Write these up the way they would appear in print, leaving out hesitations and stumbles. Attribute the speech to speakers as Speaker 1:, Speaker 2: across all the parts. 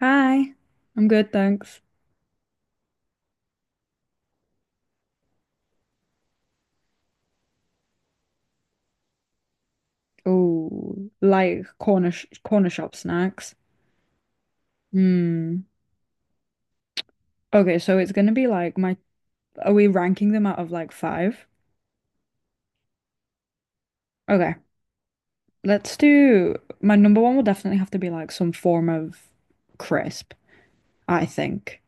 Speaker 1: Hi. I'm good, thanks. Oh, like corner shop snacks. Hmm. Okay, so it's gonna be like are we ranking them out of like five? Okay, let's do, my number one will definitely have to be like some form of crisp, I think.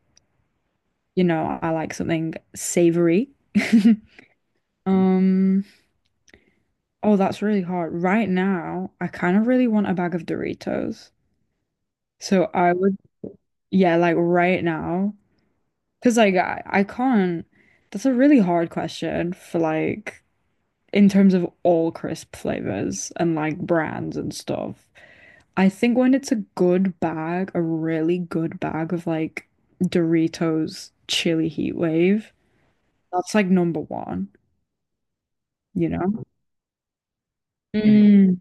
Speaker 1: You know, I like something savory. Um, oh, that's really hard. Right now, I kind of really want a bag of Doritos. So I would, yeah, like right now. Because like I can't. That's a really hard question for like in terms of all crisp flavors and like brands and stuff. I think when it's a good bag, a really good bag of like Doritos chili heat wave, that's like number one, you know? Mm,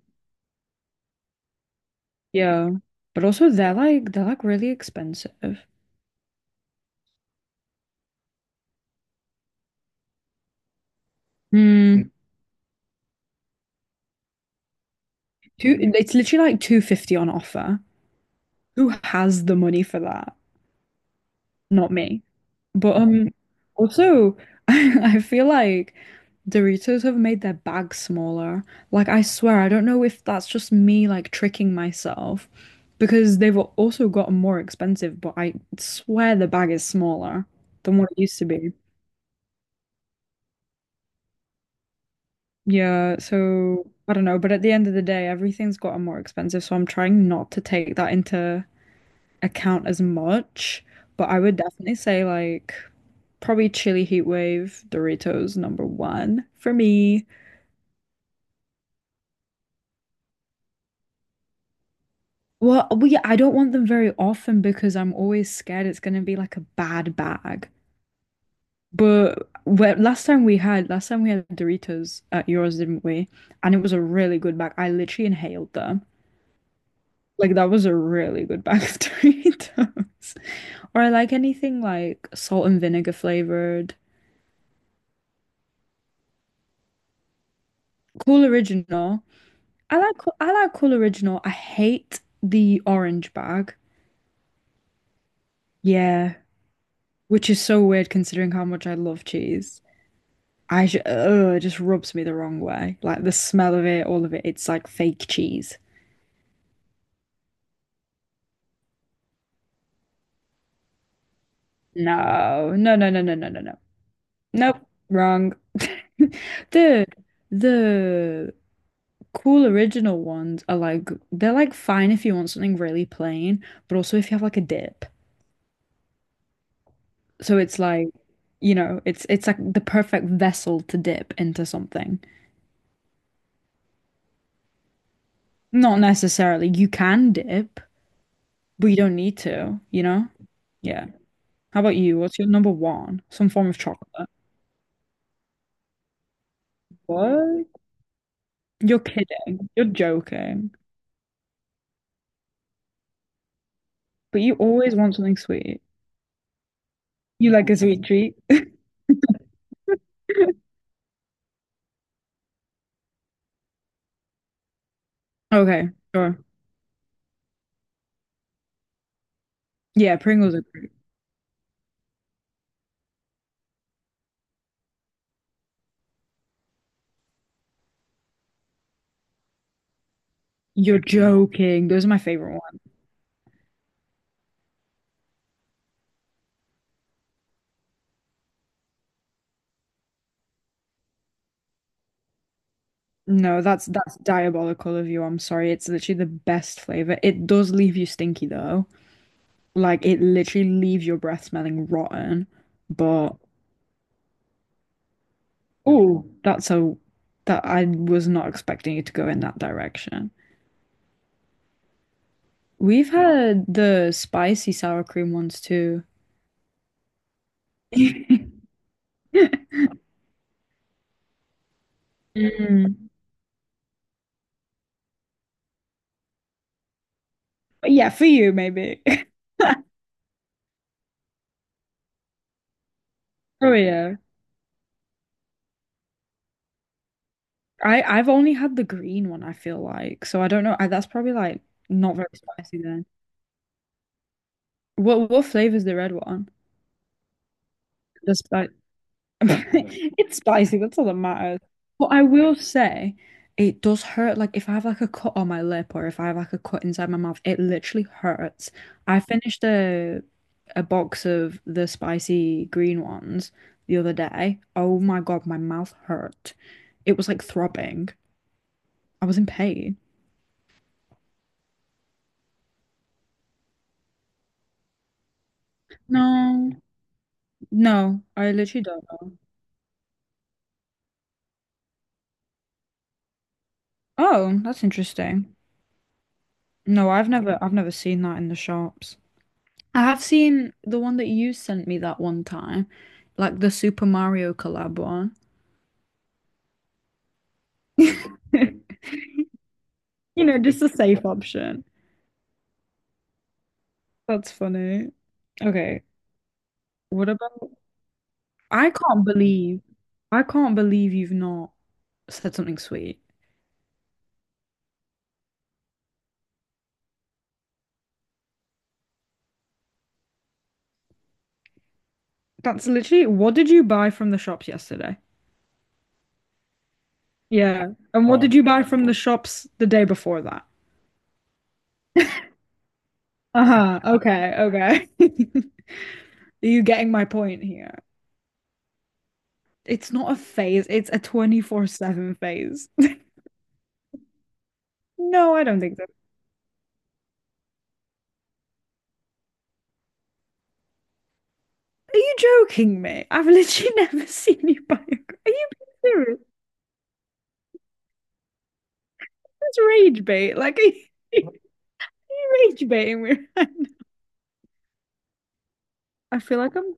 Speaker 1: yeah. But also they're like really expensive. Mm, it's literally like 250 on offer. Who has the money for that? Not me. But also, I feel like Doritos have made their bag smaller. Like, I swear, I don't know if that's just me like tricking myself because they've also gotten more expensive, but I swear the bag is smaller than what it used to be. Yeah, so I don't know, but at the end of the day, everything's gotten more expensive, so I'm trying not to take that into account as much. But I would definitely say like probably chili heat wave, Doritos number one for me. Well, we I don't want them very often because I'm always scared it's gonna be like a bad bag. But last time we had Doritos at yours, didn't we? And it was a really good bag. I literally inhaled them. Like that was a really good bag of Doritos. Or I like anything like salt and vinegar flavored. Cool Original. I like Cool Original. I hate the orange bag. Yeah, which is so weird considering how much I love cheese. It just rubs me the wrong way. Like the smell of it, all of it, it's like fake cheese. No, no, no, no, no, no, no, no. Nope, wrong. The the cool original ones are like they're like fine if you want something really plain, but also if you have like a dip. So it's like, it's like the perfect vessel to dip into something. Not necessarily you can dip, but you don't need to, you know? Yeah. How about you? What's your number one? Some form of chocolate. What? You're kidding. You're joking. But you always want something sweet. You like a sweet treat. Okay, sure. Yeah, Pringles are great. You're joking. Those are my favorite ones. No, that's diabolical of you. I'm sorry. It's literally the best flavor. It does leave you stinky though. Like it literally leaves your breath smelling rotten. But oh, that I was not expecting you to go in that direction. We've had the spicy sour cream ones too. Mm. But yeah, for you maybe. Oh yeah. I've only had the green one, I feel like. So I don't know. That's probably like not very spicy then. What flavor's the red one? The spi- It's spicy, that's all that matters. But I will say it does hurt. Like if I have like a cut on my lip or if I have like a cut inside my mouth, it literally hurts. I finished a box of the spicy green ones the other day. Oh my God, my mouth hurt. It was like throbbing. I was in pain. No, no, I literally don't know. Oh, that's interesting. No, I've never seen that in the shops. I have seen the one that you sent me that one time, like the Super Mario collab one. You know, just a safe option. That's funny. Okay. What about? I can't believe, I can't believe you've not said something sweet. That's literally, what did you buy from the shops yesterday? Yeah. And what Oh, did you buy from the shops the day before that? Uh-huh. Okay. Okay. Are you getting my point here? It's not a phase, it's a 24/7 phase. No, I don't think so. Are you joking me? I've literally never seen you buy a. car. Are you being serious? That's rage bait. Like, are you, are you rage baiting me? I feel like I'm.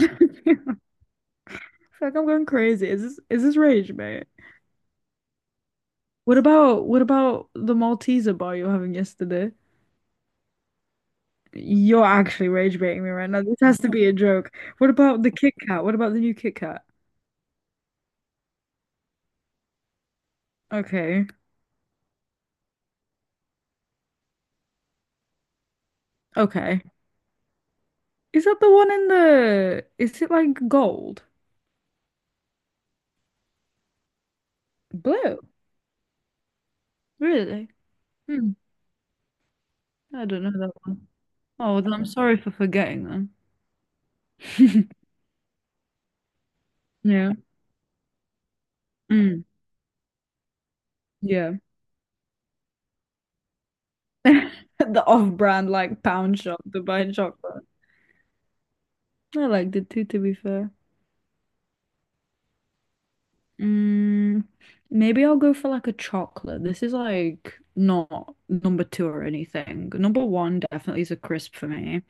Speaker 1: I feel like I'm going crazy. Is this rage bait? What about the Malteser bar you were having yesterday? You're actually rage baiting me right now. This has to be a joke. What about the Kit Kat? What about the new Kit Kat? Okay, okay. Is that the one in the? Is it like gold? Blue? Really? Hmm. I don't know that one. Oh, then I'm sorry for forgetting them. Yeah. Mm, yeah. The off-brand like pound shop to buy chocolate. I liked it too, to be fair. Mm, maybe I'll go for like a chocolate. This is like not number two or anything. Number one definitely is a crisp for me.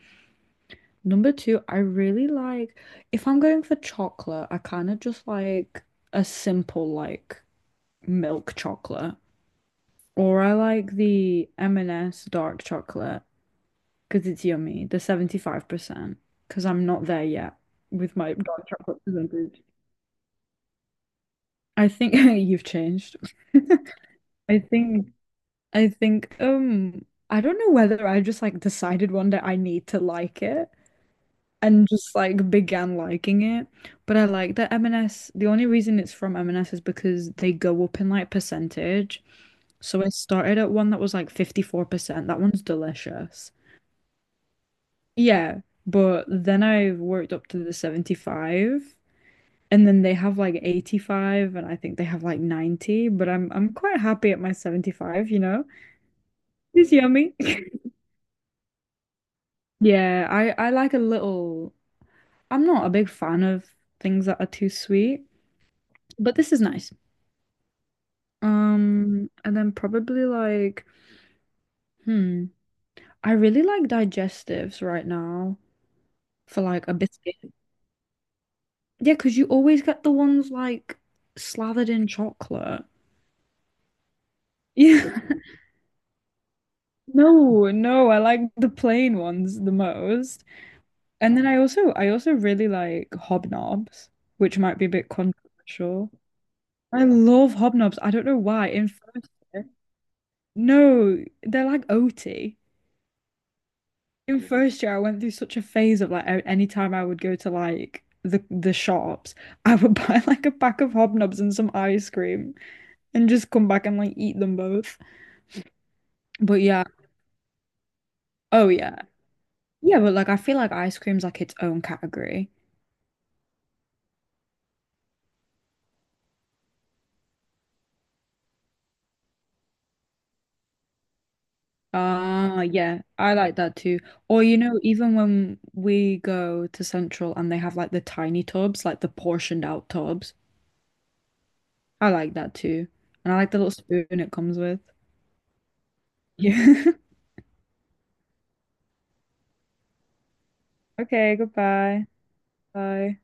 Speaker 1: Number two, I really like if I'm going for chocolate, I kind of just like a simple like milk chocolate. Or I like the M&S dark chocolate because it's yummy, the 75%, because I'm not there yet with my dark chocolate percentage. I think you've changed. I think I think um I don't know whether I just like decided one day I need to like it and just like began liking it. But I like that M&S. The only reason it's from M&S is because they go up in like percentage. So I started at one that was like 54%. That one's delicious. Yeah, but then I worked up to the 75 and then they have like 85 and I think they have like 90, but I'm quite happy at my 75, you know? It's yummy. Yeah, I like a little I'm not a big fan of things that are too sweet, but this is nice. And then probably like hmm, I really like digestives right now for like a biscuit. Yeah, because you always get the ones like slathered in chocolate. Yeah. No, no, I like the plain ones the most. And then I also really like hobnobs, which might be a bit controversial. I love hobnobs. I don't know why. No, they're like OT. In first year, I went through such a phase of like any time I would go to like the shops, I would buy like a pack of hobnobs and some ice cream and just come back and like eat them both. But yeah. Oh yeah. Yeah, but like I feel like ice cream's like its own category. Ah, yeah, I like that too. Or you know, even when we go to Central and they have like the tiny tubs, like the portioned out tubs, I like that too. And I like the little spoon it comes with. Yeah. Okay, goodbye. Bye.